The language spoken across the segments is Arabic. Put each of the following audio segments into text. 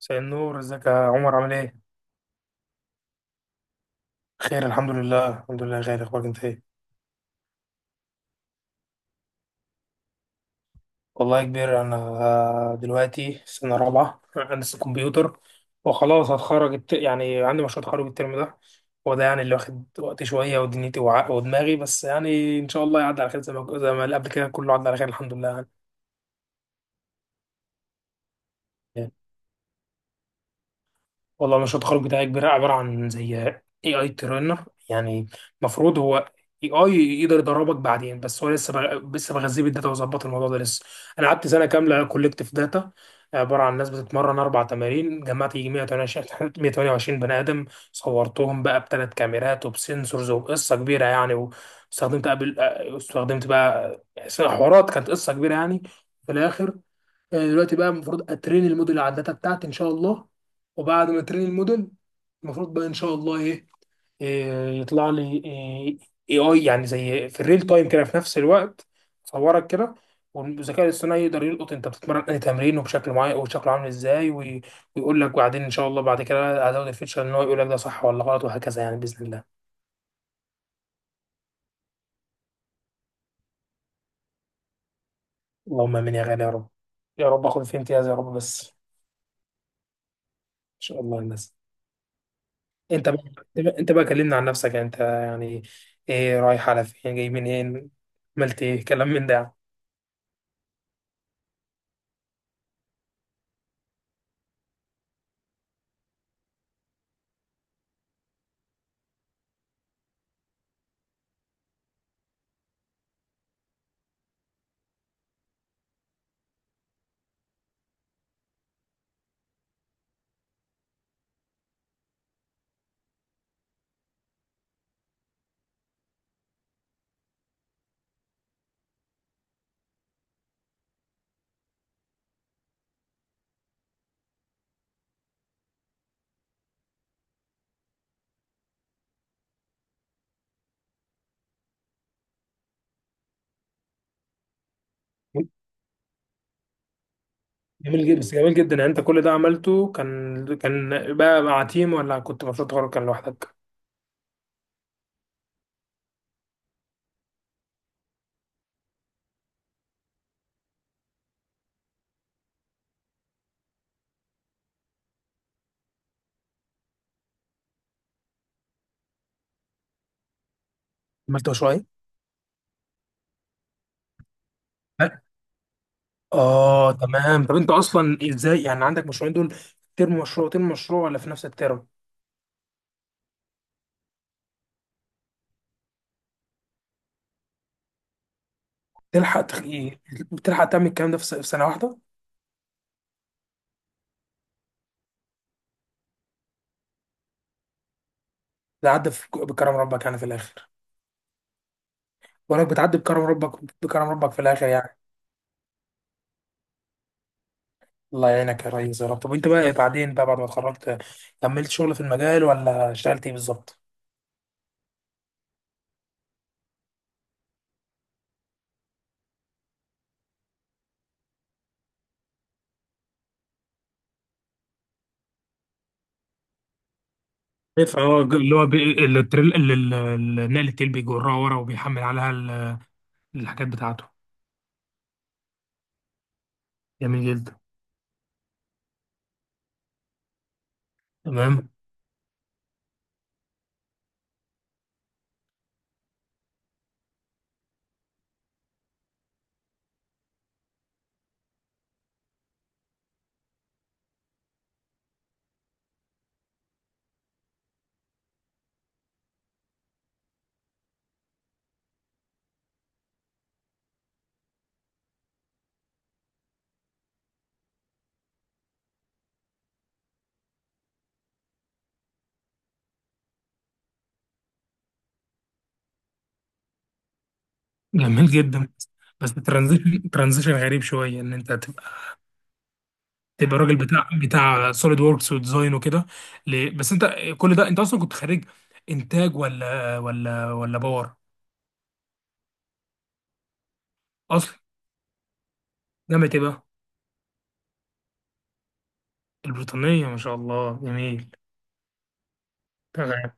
مساء النور، ازيك يا عمر؟ عامل ايه؟ خير، الحمد لله الحمد لله. خير اخبارك انت ايه؟ والله يا كبير، انا دلوقتي سنة رابعة هندسة كمبيوتر، وخلاص هتخرج يعني عندي مشروع تخرج الترم ده. هو ده يعني اللي واخد وقت شوية ودنيتي ودماغي، بس يعني ان شاء الله يعدي على خير، زي ما اللي قبل كده كله عدى على خير الحمد لله. يعني والله مشروع التخرج بتاعي كبير، عبارة عن زي اي اي ترينر يعني. المفروض هو اي اي يقدر يدربك بعدين، بس هو لسه بغذيه بالداتا وظبط الموضوع ده لسه. انا قعدت سنة كاملة كولكتيف داتا، عبارة عن ناس بتتمرن اربع تمارين، جمعت يجي 128 128 بني ادم. صورتهم بقى بثلاث كاميرات وبسنسورز وقصة كبيرة يعني، واستخدمت قبل استخدمت بقى حوارات، كانت قصة كبيرة يعني. في الاخر دلوقتي بقى المفروض اترين الموديل على الداتا بتاعتي ان شاء الله، وبعد ما ترين الموديل المفروض بقى ان شاء الله ايه, إيه يطلع لي اي اي، يعني زي في الريل تايم كده، في نفس الوقت صورك كده والذكاء الاصطناعي يقدر يلقط انت بتتمرن اي تمرين وبشكل معين وشكله عامل ازاي، ويقول لك. وبعدين ان شاء الله بعد كده هزود الفيتشر ان هو يقول لك ده صح ولا غلط وهكذا يعني باذن الله. اللهم امين يا غالي، يا رب. يا رب اخد فيه امتياز يا رب، بس ان شاء الله. الناس انت بقى، انت بقى كلمنا عن نفسك انت يعني. ايه؟ رايح على فين جاي منين، عملت ايه، كلام من ده يعني. جميل جدا، يعني انت كل ده عملته كان بقى مع تيم، ولا كنت مشروع تخرج كان لوحدك؟ عملت مشروعين؟ لا. اه تمام. طب انت اصلا ازاي يعني عندك مشروعين دول؟ ترم مشروع ترم مشروع ولا في نفس الترم؟ تلحق تخ... ايه؟ تلحق تعمل الكلام ده في سنه واحده؟ بكرم ربك يعني في الاخر. وانك بتعدي بكرم ربك في الاخر يعني. الله يعينك يا ريس، يا رب. طب وانت بقى، إيه بعدين بقى بعد ما اتخرجت؟ كملت شغل في المجال ولا اشتغلت ايه بالظبط؟ فهو اللي هو بي... اللي التريل... اللي ال- ال- نقل التيل بيجرها ورا وبيحمل عليها الحاجات بتاعته. جميل جدا. تمام. جميل جدا. بس ترانزيشن غريب شويه، ان انت تبقى تبقى راجل بتاع سوليد ووركس وديزاين وكده. بس انت كل ده، انت اصلا كنت خريج انتاج ولا باور اصلا؟ جامعه ايه بقى؟ البريطانيه، ما شاء الله جميل. تمام.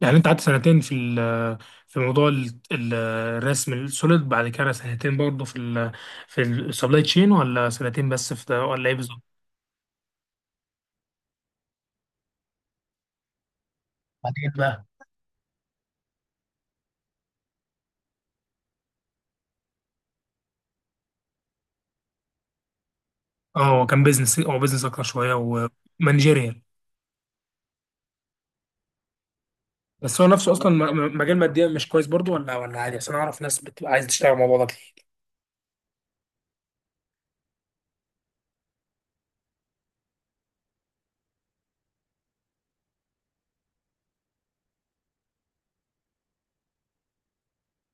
يعني انت قعدت سنتين في موضوع الرسم السوليد، بعد كده سنتين برضه في ال في السبلاي تشين، ولا سنتين بس في ده، ولا ايه بالظبط؟ بعدين بقى. اه هو كان بيزنس، هو بيزنس اكتر شويه ومانجيريال. بس هو نفسه اصلا مجال ماديا مش كويس برضه، ولا ولا عادي؟ عشان اعرف ناس بتبقى عايزه تشتغل مع بعضها كتير.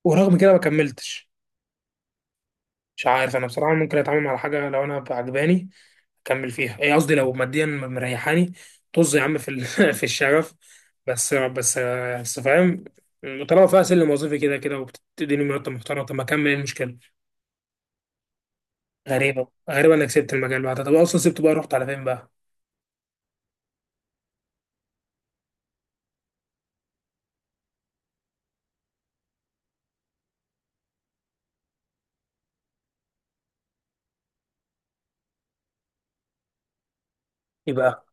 ورغم كده ما كملتش. مش عارف، انا بصراحه ممكن اتعامل مع حاجه لو انا عجباني كمل فيها. ايه قصدي؟ لو ماديا مريحاني، طز يا عم في الشغف. بس فاهم. طالما فيها سلم وظيفي كده كده وبتديني مرتب محترم، طب ما اكمل، إيه المشكله؟ غريبه انك سبت المجال بعدها. طب اصلا سبته بقى رحت على فين بقى؟ يبقى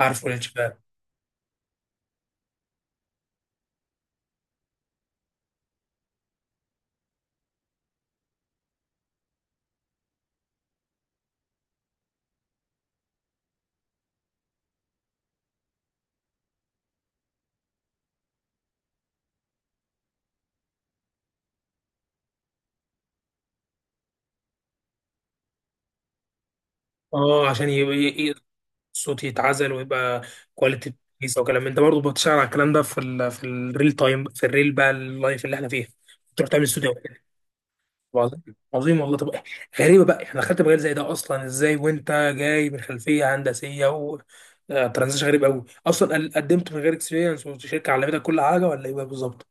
عارفه الانشغال. اه، عشان يبقى صوتي يتعزل ويبقى كواليتي كويسه، وكلام من ده. برضه بتشتغل على الكلام ده في ال في الريل تايم، في الريل بقى اللايف اللي احنا فيه، تروح تعمل استوديو. عظيم. عظيم والله. طب غريبه بقى، احنا دخلت مجال زي ده اصلا ازاي وانت جاي من خلفيه هندسيه و ترانزيشن غريب قوي اصلا؟ قدمت من غير اكسبيرينس والشركه علمتك كل حاجه، ولا ايه بقى بالظبط؟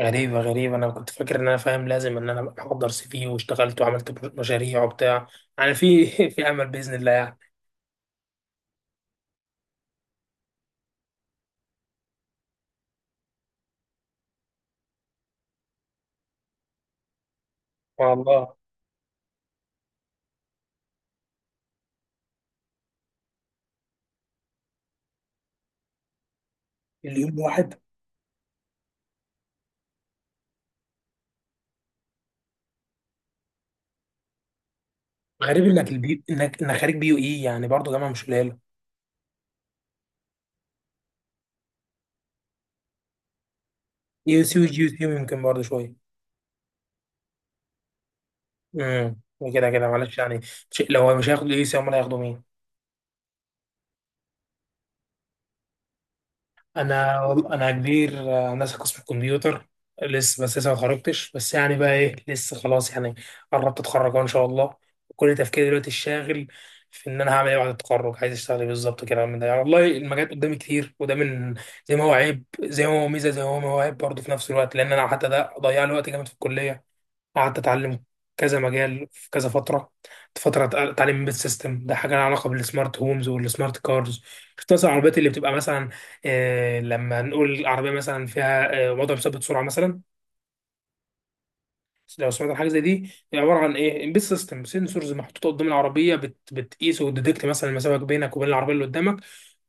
غريبة أنا كنت فاكر إن أنا فاهم لازم إن أنا أحضر سي في واشتغلت وعملت مشاريع وبتاع، يعني في أمل بإذن الله يعني. والله. اليوم الواحد. غريب إنك إنك خارج بي يو إي، يعني برضه جامعة مش قليلة. يو سي وجي يو سي يمكن برضه شوية. امم كده كده معلش يعني. شيء لو مش هياخدوا اي سي، امال هياخدوا مين؟ انا كبير هندسه قسم الكمبيوتر. لسه، بس لسه ما اتخرجتش، بس يعني بقى ايه، لسه خلاص يعني، قربت اتخرج أهو ان شاء الله. كل تفكيري دلوقتي الشاغل في ان انا هعمل ايه بعد التخرج، عايز اشتغل ايه بالظبط كده من ده يعني. والله المجالات قدامي كتير، وده من زي ما هو عيب زي ما هو ميزه، زي ما هو عيب برضه في نفس الوقت، لان انا حتى ده ضيع لي وقت جامد في الكليه، قعدت اتعلم كذا مجال في كذا فتره. تعليم البيت سيستم، ده حاجه لها علاقه بالسمارت هومز والسمارت كارز. شفت مثلا العربيات اللي بتبقى مثلا لما نقول العربيه مثلا فيها وضع مثبت سرعه مثلا. لو سمعت عن حاجه زي دي، هي عباره عن ايه؟ امبيد سيستم، سنسورز محطوطه قدام العربيه بتقيس وتديتكت مثلا المسافه بينك وبين العربيه اللي قدامك،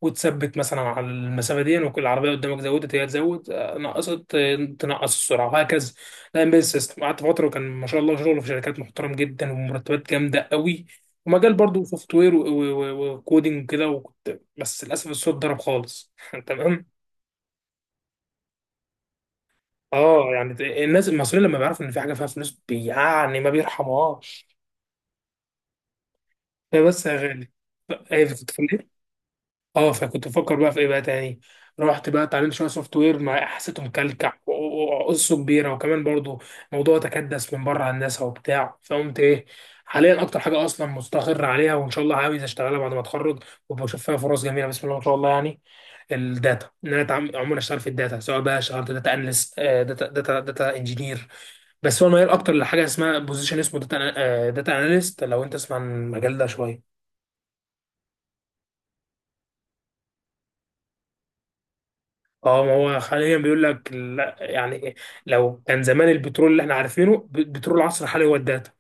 وتثبت مثلا على المسافه دي، وكل العربيه قدامك زودت هي تزود، نقصت تنقص السرعه وهكذا. ده امبيد سيستم. قعدت فتره وكان ما شاء الله شغله في شركات محترم جدا ومرتبات جامده قوي، ومجال برضه سوفت وير وكودينج وكده، وكنت، بس للاسف الصوت ضرب خالص تمام. اه يعني الناس المصريين لما بيعرفوا ان في حاجه فيها فلوس يعني ما بيرحموهاش. هي بس يا غالي، ايه، بتتفلت. اه، فكنت بفكر بقى في ايه بقى تاني. رحت بقى اتعلمت شويه سوفت وير مع حسيته مكلكع وقصه كبيره، وكمان برضو موضوع تكدس من بره هندسه وبتاع، فقمت ايه، حاليا اكتر حاجه اصلا مستقر عليها وان شاء الله عاوز اشتغلها بعد ما اتخرج، وبشوف فيها فرص جميله بسم الله ما شاء الله يعني، الداتا. ان انا عموما اشتغل في الداتا، سواء بقى اشتغلت داتا اناليست داتا انجينير، بس هو الميال اكتر لحاجه اسمها بوزيشن اسمه داتا اناليست. لو انت تسمع عن المجال ده شويه. اه ما هو حاليا بيقول لك، لا يعني، لو كان زمان البترول اللي احنا عارفينه، بترول العصر الحالي هو الداتا.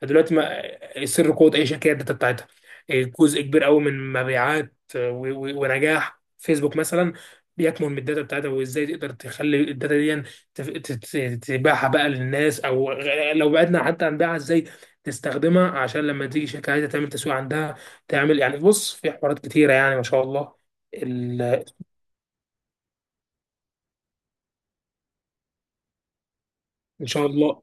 فدلوقتي ما سر قوة أي شركة هي الداتا بتاعتها. جزء كبير قوي من مبيعات ونجاح فيسبوك مثلا بيكمن من الداتا بتاعتها، وازاي تقدر تخلي الداتا دي تف- تت- تبيعها بقى للناس، او لو بعدنا حتى عن بيعها، ازاي تستخدمها عشان لما تيجي شركة عايزة تعمل تسويق عندها تعمل يعني، بص في حوارات كتيرة يعني ما شاء الله ال- ان شاء الله.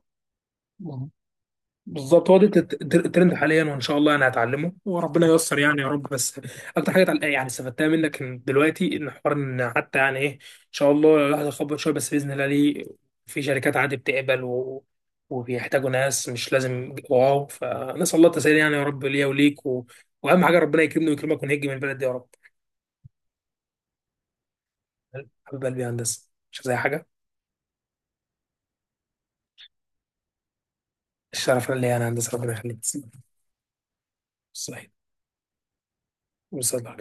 بالظبط، هو ده الترند حاليا، وان شاء الله انا هتعلمه وربنا ييسر يعني يا رب بس. اكتر حاجه يعني استفدتها منك، إن دلوقتي ان حوار ان حتى يعني ايه ان شاء الله الواحد يخبط شويه، بس باذن الله ليه في شركات عادي بتقبل وبيحتاجوا ناس مش لازم واو، فنسال الله التسهيل يعني يا رب ليا وليك واهم حاجه ربنا يكرمني ويكرمك ونهج من البلد دي يا رب. حبيب قلبي يا هندسه مش زي حاجه. الشرف ليا انا هندسه ربنا يخليك. صحيح. وصلى